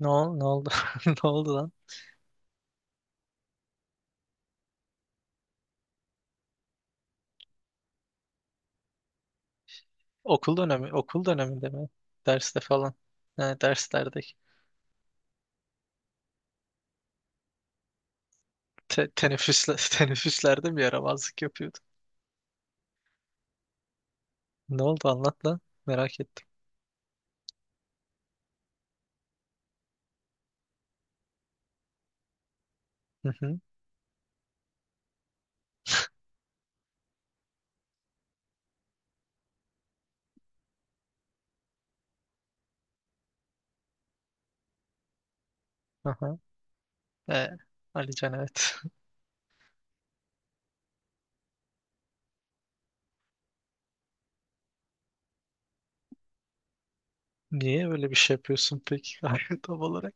Ne, ne oldu? Ne oldu lan? Okul dönemi, okul döneminde mi? Derste falan. Ne derslerde. Teneffüsle teneffüslerde bir yaramazlık yapıyordu. Ne oldu anlat lan. Merak ettim. Hı hı. Aha. E, Ali can evet. Niye öyle bir şey yapıyorsun peki? Tam olarak.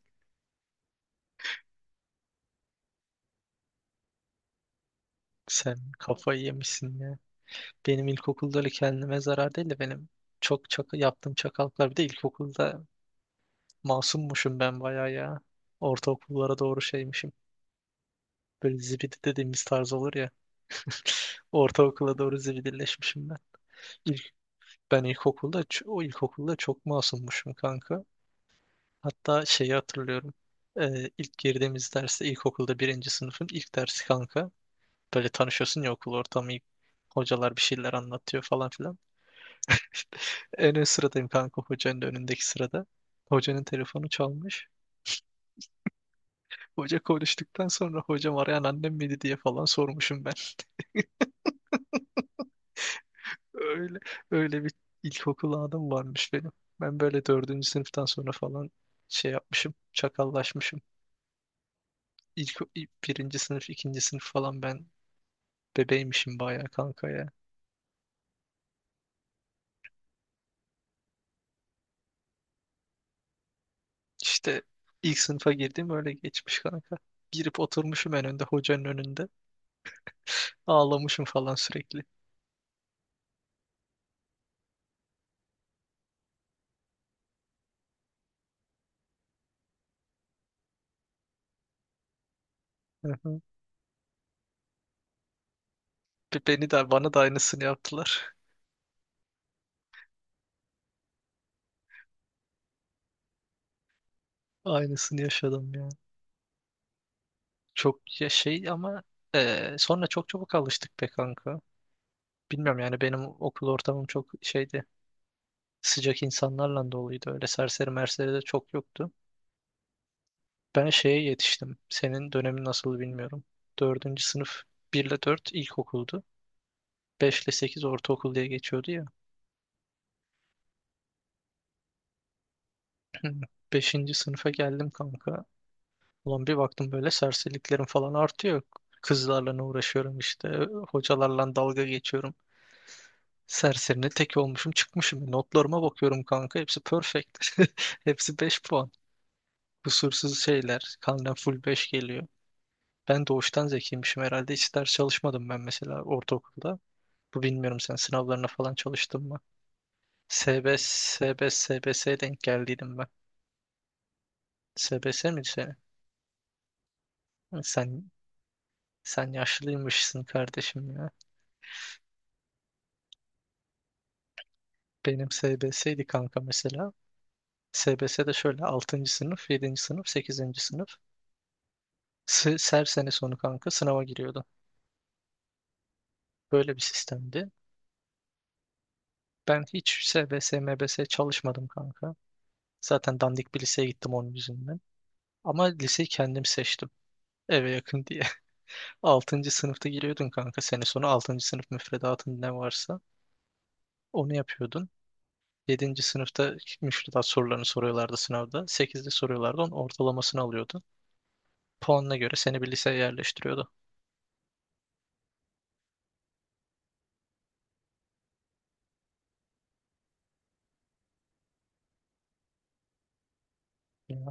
Sen kafayı yemişsin ya. Benim ilkokulda öyle kendime zarar değil de benim çok çok yaptığım çakallıklar. Bir de ilkokulda masummuşum ben bayağı ya. Ortaokullara doğru şeymişim. Böyle zibidi dediğimiz tarz olur ya. Ortaokula doğru zibidilleşmişim ben. İlk, ben ilkokulda, o ilkokulda çok masummuşum kanka. Hatta şeyi hatırlıyorum. İlk girdiğimiz derste ilkokulda birinci sınıfın ilk dersi kanka. Böyle tanışıyorsun ya okul ortamı. Hocalar bir şeyler anlatıyor falan filan. En ön sıradayım kanka hocanın da önündeki sırada. Hocanın telefonu çalmış. Hoca konuştuktan sonra hocam arayan annem miydi diye falan sormuşum ben. Öyle öyle bir ilkokul anım varmış benim. Ben böyle dördüncü sınıftan sonra falan şey yapmışım, çakallaşmışım. Birinci sınıf, ikinci sınıf falan ben bebeymişim bayağı kanka ya. İşte ilk sınıfa girdim öyle geçmiş kanka. Girip oturmuşum en önde hocanın önünde. Ağlamışım falan sürekli. Hı hı. Beni de bana da aynısını yaptılar. Aynısını yaşadım ya. Çok ya şey ama sonra çok çabuk alıştık be kanka. Bilmiyorum yani benim okul ortamım çok şeydi. Sıcak insanlarla doluydu. Öyle serseri merseri de çok yoktu. Ben şeye yetiştim. Senin dönemin nasıl bilmiyorum. Dördüncü sınıf 1 ile 4 ilkokuldu. 5 ile 8 ortaokul diye geçiyordu ya. Beşinci sınıfa geldim kanka. Ulan bir baktım böyle serseriliklerim falan artıyor. Kızlarla ne uğraşıyorum işte. Hocalarla dalga geçiyorum. Serserine tek olmuşum çıkmışım. Notlarıma bakıyorum kanka. Hepsi perfect. Hepsi 5 puan. Kusursuz şeyler. Kalden full 5 geliyor. Ben doğuştan zekiymişim herhalde. Hiç ders çalışmadım ben mesela ortaokulda. Bu bilmiyorum sen sınavlarına falan çalıştın mı? SBS, SBS, SBS'ye denk geldiydim ben. SBS miydi senin? Sen, sen yaşlıymışsın kardeşim ya. Benim SBS'ydi kanka mesela. SBS'de şöyle altıncı sınıf, yedinci sınıf, sekizinci sınıf. Her sene sonu kanka sınava giriyordu. Böyle bir sistemdi. Ben hiç SBS, MBS çalışmadım kanka. Zaten dandik bir liseye gittim onun yüzünden. Ama liseyi kendim seçtim. Eve yakın diye. Altıncı sınıfta giriyordun kanka. Sene sonu altıncı sınıf müfredatın ne varsa onu yapıyordun. Yedinci sınıfta müfredat sorularını soruyorlardı sınavda. Sekizde soruyorlardı. Onun ortalamasını alıyordun. Puanına göre seni bir liseye yerleştiriyordu. Ya.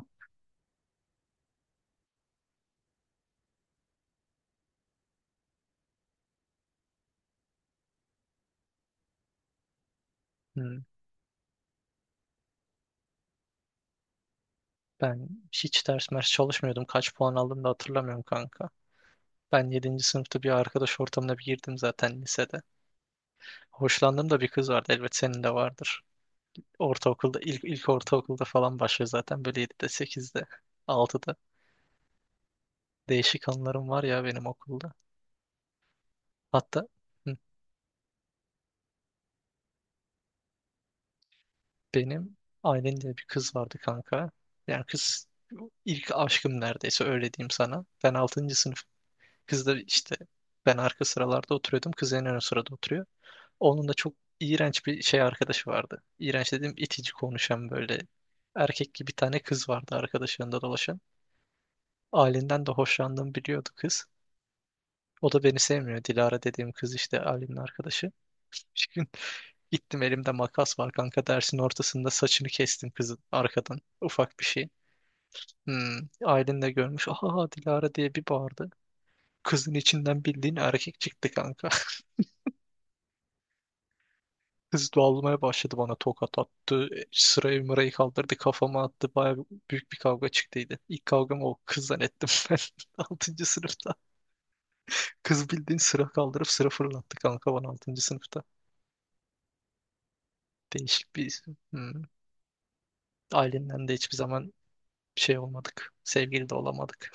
Hmm. Ben hiç ders mers çalışmıyordum. Kaç puan aldım da hatırlamıyorum kanka. Ben yedinci sınıfta bir arkadaş ortamına bir girdim zaten lisede. Hoşlandığım da bir kız vardı. Elbet senin de vardır. Ortaokulda ilk ilk ortaokulda falan başlıyor zaten böyle yedide sekizde altıda. Değişik anılarım var ya benim okulda. Hatta hı, benim ailemde bir kız vardı kanka. Yani kız ilk aşkım neredeyse öyle diyeyim sana. Ben altıncı sınıf. Kız da işte ben arka sıralarda oturuyordum. Kız en ön sırada oturuyor. Onun da çok iğrenç bir şey arkadaşı vardı. İğrenç dediğim itici konuşan böyle erkek gibi bir tane kız vardı arkadaşlarında dolaşan. Ailemden de hoşlandığımı biliyordu kız. O da beni sevmiyor. Dilara dediğim kız işte ailemin arkadaşı. Gittim elimde makas var kanka dersin ortasında saçını kestim kızın arkadan. Ufak bir şey. Hmm, ailen de görmüş. Aha Dilara diye bir bağırdı. Kızın içinden bildiğin erkek çıktı kanka. Kız dağılmaya başladı bana tokat attı. Sırayı mırayı kaldırdı kafama attı. Baya büyük bir kavga çıktıydı. İlk kavgamı o kız zannettim ben altıncı sınıfta. Kız bildiğin sıra kaldırıp sıra fırlattı kanka bana altıncı sınıfta. Değişik bir... Hmm. Ailenden de hiçbir zaman şey olmadık. Sevgili de olamadık.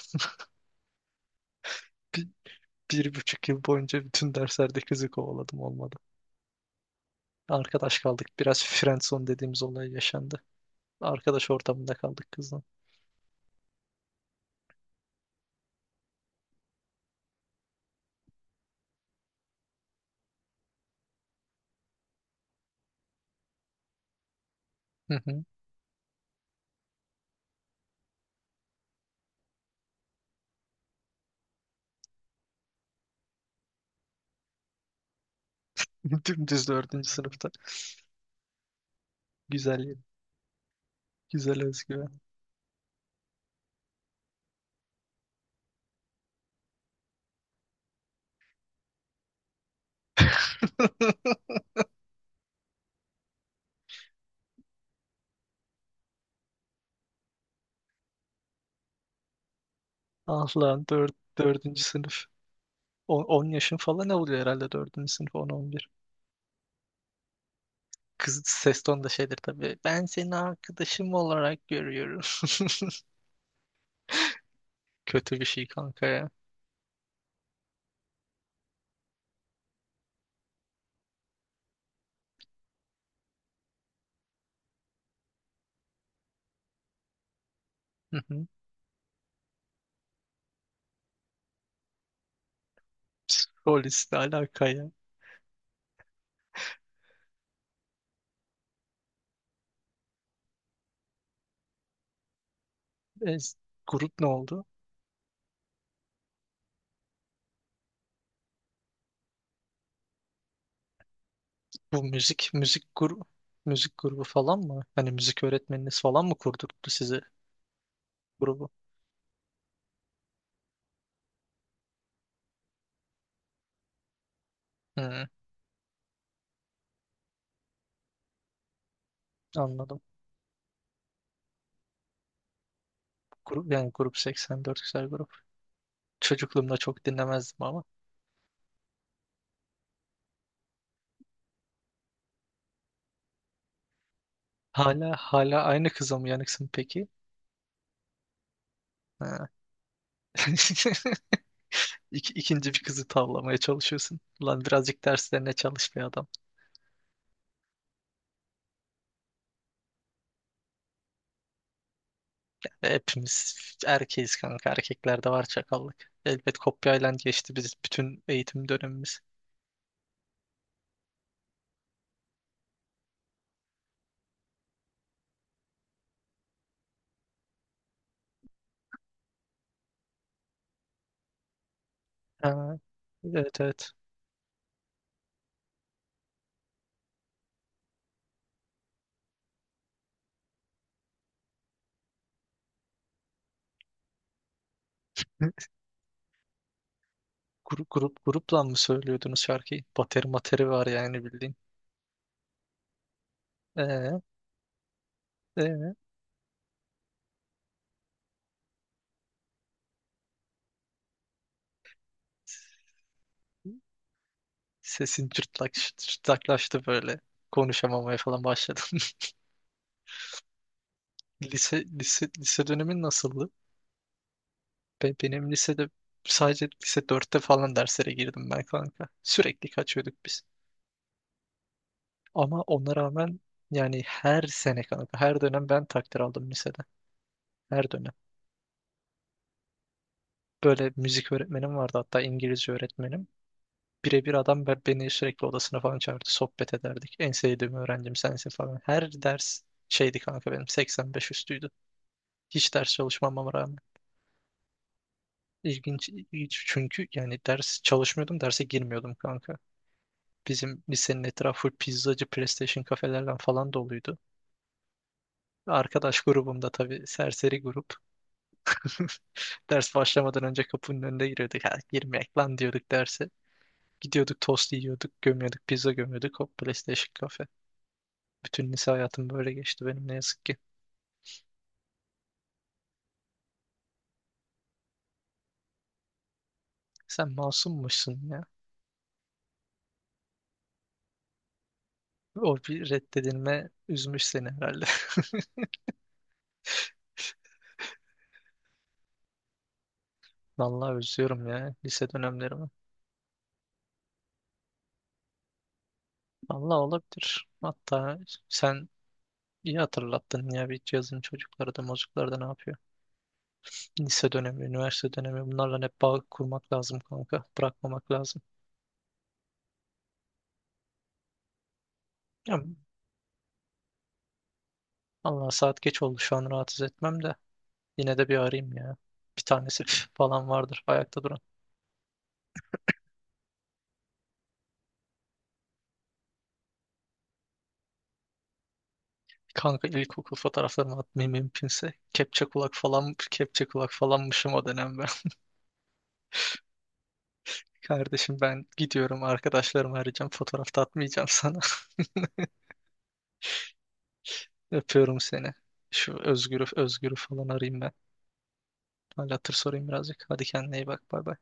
1,5 yıl boyunca bütün derslerde kızı kovaladım olmadı. Arkadaş kaldık. Biraz friendzone dediğimiz olay yaşandı. Arkadaş ortamında kaldık kızla. Hı hı. Dümdüz dördüncü sınıfta. Güzel, güzel özgüven. Ah lan dördüncü sınıf. On on yaşın falan ne oluyor herhalde dördüncü sınıf on on bir. Kız ses tonu da şeydir tabii. Ben seni arkadaşım olarak görüyorum. Kötü bir şey kanka ya. Hı hı. Polisle alaka ya. E, grup ne oldu? Bu müzik müzik grubu falan mı? Hani müzik öğretmeniniz falan mı kurdurttu size grubu? Hı, anladım. Grup yani grup 84 güzel grup. Çocukluğumda çok dinlemezdim ama. Hala aynı kıza mı yanıksın peki? Ha. İkinci bir kızı tavlamaya çalışıyorsun. Lan birazcık derslerine çalış bir adam. Hepimiz erkeğiz kanka. Erkeklerde var çakallık. Elbet kopyayla geçti biz bütün eğitim dönemimiz. Ha. Evet evet. Grupla mı söylüyordunuz şarkıyı? Bateri materi var yani bildiğin. Ee, evet. Sesin cırtlaklaştı böyle. Konuşamamaya falan başladım. Lise dönemin nasıldı? Benim lisede sadece lise dörtte falan derslere girdim ben kanka. Sürekli kaçıyorduk biz. Ama ona rağmen yani her sene kanka, her dönem ben takdir aldım lisede. Her dönem. Böyle müzik öğretmenim vardı hatta İngilizce öğretmenim. Birebir adam beni sürekli odasına falan çağırdı. Sohbet ederdik. En sevdiğim öğrencim sensin falan. Her ders şeydi kanka benim 85 üstüydü. Hiç ders çalışmamama rağmen. İlginç çünkü yani ders çalışmıyordum, derse girmiyordum kanka. Bizim lisenin etrafı full pizzacı, PlayStation kafelerle falan doluydu. Arkadaş grubumda tabii serseri grup. Ders başlamadan önce kapının önünde giriyorduk. Ha, girmeyek lan diyorduk derse. Gidiyorduk tost yiyorduk, gömüyorduk, pizza gömüyorduk. Hop PlayStation. Bütün lise hayatım böyle geçti benim ne yazık ki. Sen masummuşsun ya. O bir reddedilme üzmüş seni herhalde. Vallahi özlüyorum ya lise dönemlerimi. Vallahi olabilir. Hatta sen iyi hatırlattın ya bir cihazın çocukları da mocukları da ne yapıyor. Lise dönemi, üniversite dönemi bunlarla hep bağ kurmak lazım kanka. Bırakmamak lazım. Ya, Allah saat geç oldu şu an rahatsız etmem de. Yine de bir arayayım ya. Bir tanesi falan vardır ayakta duran. Kanka ilkokul fotoğraflarımı atmayayım mümkünse. Kepçe kulak falan, kepçe kulak falanmışım o dönem ben. Kardeşim ben gidiyorum arkadaşlarımı arayacağım. Fotoğrafta atmayacağım sana. Öpüyorum seni. Şu Özgür'ü falan arayayım ben. Hal hatır sorayım birazcık. Hadi kendine iyi bak. Bay bay.